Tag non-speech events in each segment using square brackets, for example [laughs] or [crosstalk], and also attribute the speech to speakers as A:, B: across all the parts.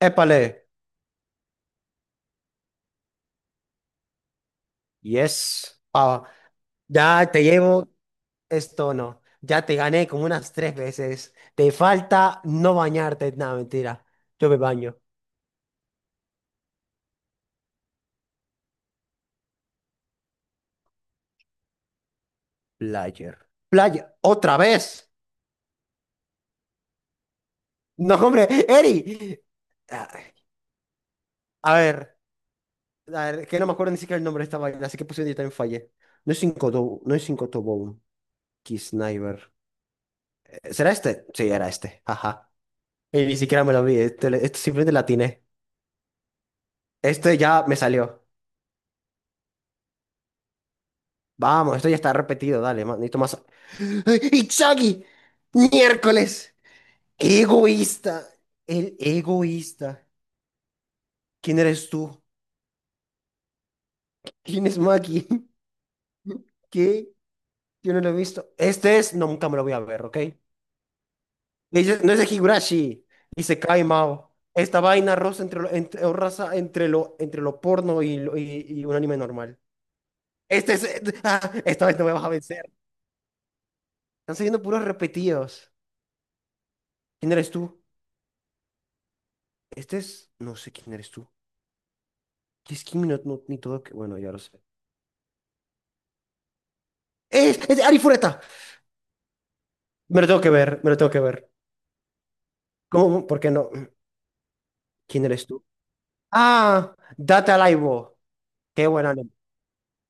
A: Épale, yes, ya te llevo esto. No, ya te gané como unas tres veces. Te falta no bañarte. Nada, mentira, yo me baño. Player, playa, otra vez. No, hombre, Eri. Ah, a ver, a ver, que no me acuerdo ni siquiera el nombre de esta vaina, así que puse yo también fallé. No es 5 Tobón, Sniper. ¿Será este? Sí, era este, ajá, y ni siquiera me lo vi. Este simplemente la atiné. Este ya me salió. Vamos, esto ya está repetido, dale, necesito más. ¡Itzagi! ¡Miércoles! ¡Egoísta! El egoísta. ¿Quién eres tú? ¿Quién es Maki? [laughs] ¿Qué? Yo no lo he visto. Este es. No, nunca me lo voy a ver, ¿ok? No es de Higurashi. Dice Kai Mao. Esta vaina rosa entre lo, entre, o raza entre lo porno y, y un anime normal. Este es. [laughs] Esta vez no me vas a vencer. Están saliendo puros repetidos. ¿Quién eres tú? Este es. No sé quién eres tú. Y es Kimi no, no- ni todo que... Bueno, ya lo sé. ¡Es de Ari Fureta! Me lo tengo que ver, me lo tengo que ver. ¿Cómo? ¿Por qué no? ¿Quién eres tú? ¡Ah! Data Live. Qué buen anime.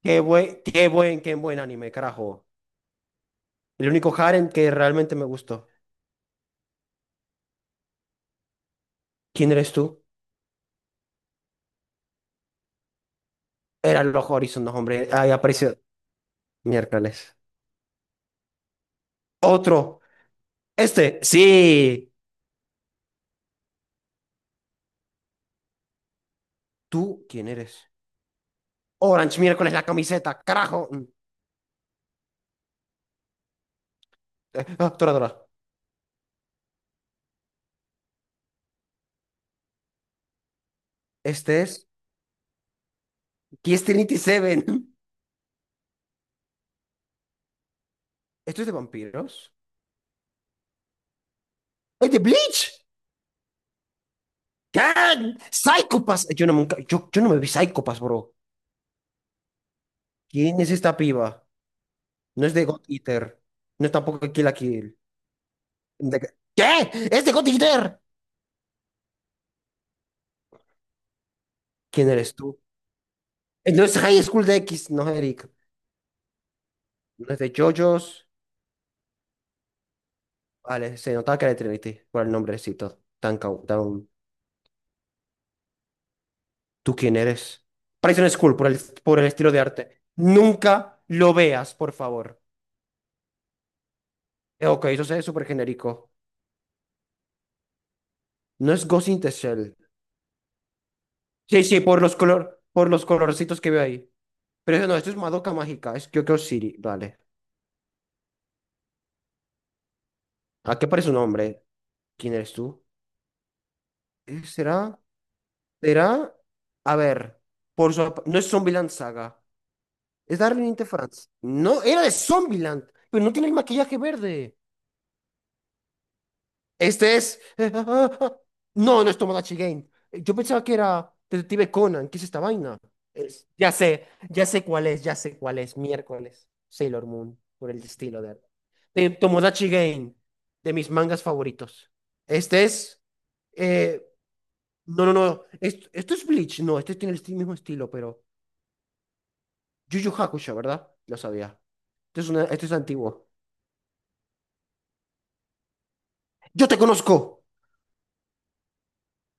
A: Qué buen, qué buen, qué buen anime, carajo. El único harem que realmente me gustó. ¿Quién eres tú? Eran los Horizon, no, hombre. Ahí apareció. Miércoles. Otro. Este. Sí. ¿Tú quién eres? Orange, miércoles, la camiseta. Carajo. Mm. Toradora. Este es. Kiss Trinity Seven. [laughs] ¿Esto es de vampiros? ¡Ay, de Bleach! ¡Can! ¡Psychopass! Yo no, nunca, yo no me vi Psychopass, bro. ¿Quién es esta piba? No es de God Eater. No es tampoco de Kill la Kill. De- ¿Qué? ¡Es de God Eater! ¿Quién eres tú? No es High School de X, no, Eric. No es de JoJo's. Vale, se notaba que era de Trinity por el nombrecito. Tan, tan... ¿Tú quién eres? Prison School por el estilo de arte. Nunca lo veas, por favor. Ok, eso es súper genérico. No es Ghost in the Shell. Sí, sí, por los colorcitos que veo ahí. Pero eso no, esto es Madoka Mágica, es Kyoko City, vale. ¿A qué parece su nombre? ¿Quién eres tú? ¿Será? ¿Será? A ver, no es Zombieland Saga. Es Darling in the France. No, era de Zombieland, pero no tiene el maquillaje verde. Este es. [laughs] No, no es Tomodachi Game. Yo pensaba que era Detective Conan. ¿Qué es esta vaina? Ya sé cuál es, ya sé cuál es. Miércoles, Sailor Moon, por el estilo de Tomodachi Game, de mis mangas favoritos. Este es. eh, No, no, no. Esto es Bleach. No, este tiene el mismo estilo, pero. Yu Yu Hakusho, ¿verdad? Lo sabía. Esto es antiguo. ¡Yo te conozco!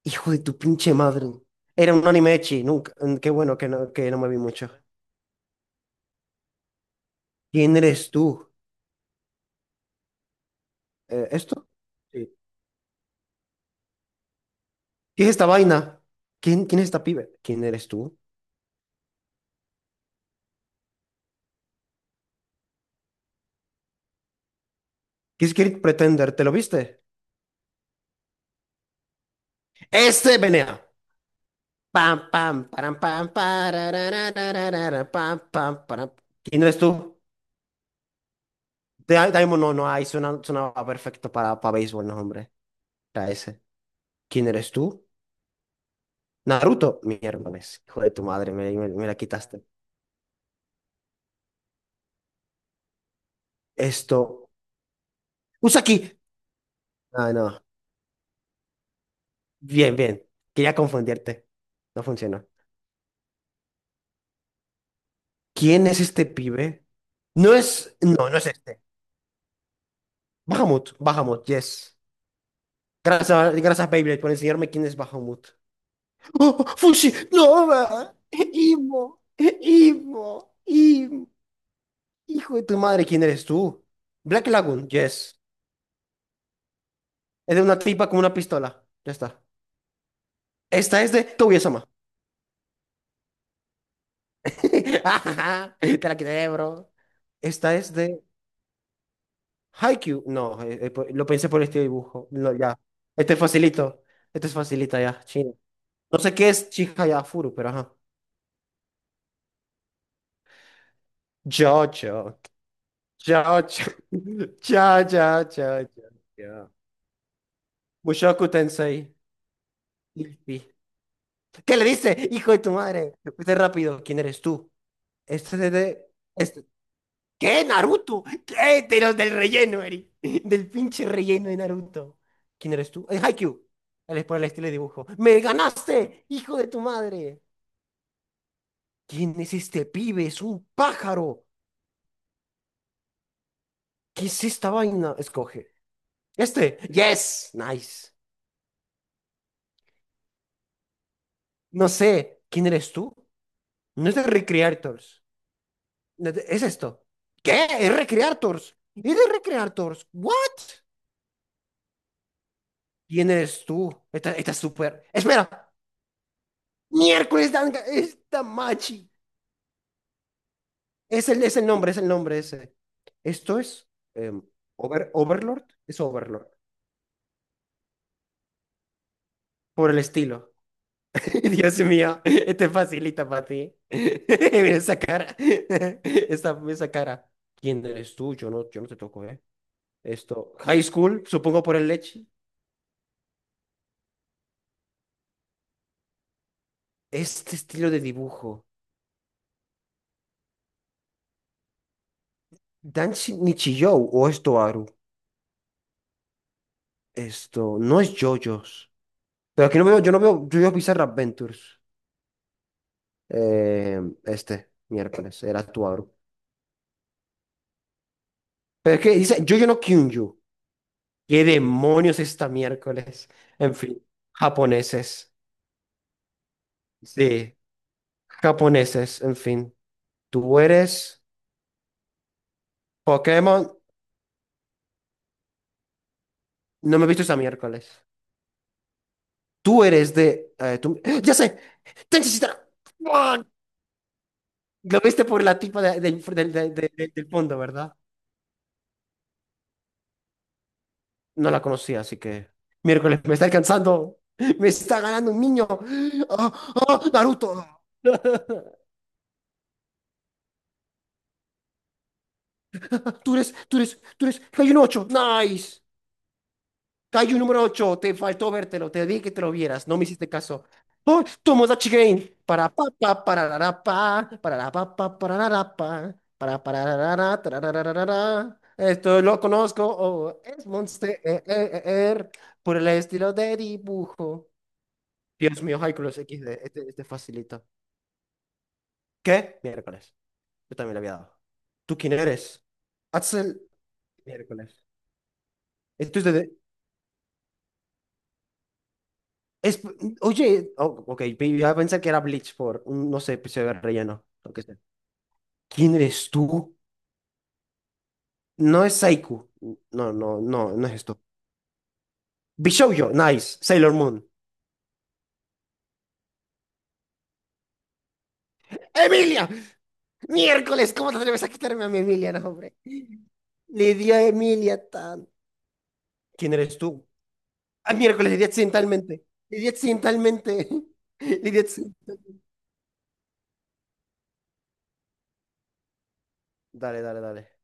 A: Hijo de tu pinche madre. Era un anime de nunca. Qué bueno que no me vi mucho. ¿Quién eres tú? ¿Esto? Sí. ¿Qué es esta vaina? ¿Quién es esta pibe? ¿Quién eres tú? ¿Qué es Kirk Pretender? ¿Te lo viste? ¡Este venea! Pam, pam, param, pam, parararararara, pam, pam, param. ¿Quién eres tú? Daimon no, no, ahí sonaba perfecto para béisbol, no, hombre. Era ese. ¿Quién eres tú? Naruto. Mierda, ves, hijo de tu madre, me la quitaste. Esto. Usaki. Ah, no. Bien, bien. Quería confundirte. No funcionó. ¿Quién es este pibe? No es. No, no es este. Bahamut. Bahamut, yes. Gracias, gracias, Beyblade, por enseñarme quién es Bahamut. ¡Oh, Fushi! ¡No! ¡Imo! ¡Imo! ¡Imo! Hijo de tu madre, ¿quién eres tú? Black Lagoon, yes. Es de una tipa con una pistola. Ya está. Esta es de Kaguya-sama. [laughs] Te la quité, bro. Esta es de Haikyuu, no, lo pensé por este dibujo. No, ya. Este es facilito. Este es facilita ya, chino. No sé qué es Chihaya furu, pero ajá. Jojo. Jojo. [laughs] Cha, cha, cha, cha, cha. Mushoku Tensei. Ippy. ¿Qué le dice? Hijo de tu madre. Fuiste rápido. ¿Quién eres tú? Este es de... Este. ¿Qué? ¿Naruto? ¿Qué? De los del relleno, Eri. [laughs] Del pinche relleno de Naruto. ¿Quién eres tú? Es Haikyuu. Él es por el estilo de dibujo. ¡Me ganaste, hijo de tu madre! ¿Quién es este pibe? ¡Es un pájaro! ¿Qué es esta vaina? Escoge. Este. Yes. Nice. No sé. ¿Quién eres tú? No es de Recreators. No es de- Es esto. ¿Qué? ¿Es Recreators? ¿Es de Recreators? ¿What? ¿Quién eres tú? Esta es súper. Espera. Miércoles, Danga, esta machi. Es el nombre ese. Esto es em, Overlord, es Overlord, por el estilo. [laughs] Dios mío, este facilita para ti. [laughs] Mira esa cara, [laughs] esa cara. ¿Quién eres tú? Yo no te toco, ¿eh? Esto, High School, supongo por el leche. Este estilo de dibujo. Danshi Nichijou o esto, Aru. Esto, no es JoJo's. Pero aquí no veo, yo no veo JoJo's Bizarre Adventures. Este miércoles, el actuador. Pero es que dice Yoyono Kyunju. ¿Qué demonios esta miércoles? En fin, japoneses. Sí, japoneses, en fin. Tú eres Pokémon, no me he visto esta miércoles. Tú eres de... ¡Ah! Ya sé, Tenshin Shitara. ¡Ah! Lo viste por la tipa del fondo, ¿verdad? No la conocía, así que. Miércoles, me está alcanzando. Me está ganando un niño. ¡Ah, ah, Naruto. [laughs] Tú eres, tú eres, tú eres. Kaiju 8. Nice. Kaiju número 8. Te faltó vértelo. Te dije que te lo vieras. No me hiciste caso. Oh, Tomodachi Game. Para pa pa para la ra, pa para la pa pa para la ra, pa para la ra, ra, tra, ra, ra, ra, ra, ra. Esto lo conozco. Oh, es Monster por el estilo de dibujo. Dios mío, Hycross XD, este, este facilita. ¿Qué? Miércoles. Yo también le había dado. ¿Tú quién eres? Axel. Miércoles. Esto es de... es- Oye, oh, ok, yo pensé que era Bleach por un, no sé, episodio de relleno, lo que sea. ¿Quién eres tú? No es Saiku. No, no, no, no es esto. Bishoujo, nice. Sailor Moon. ¡Emilia! Miércoles, ¿cómo te atreves a quitarme a mi Emilia, no, hombre? Le di a Emilia tan. ¿Quién eres tú? Ah, miércoles, le accidentalmente. Le accidentalmente. [laughs] Le di. Dale, dale, dale.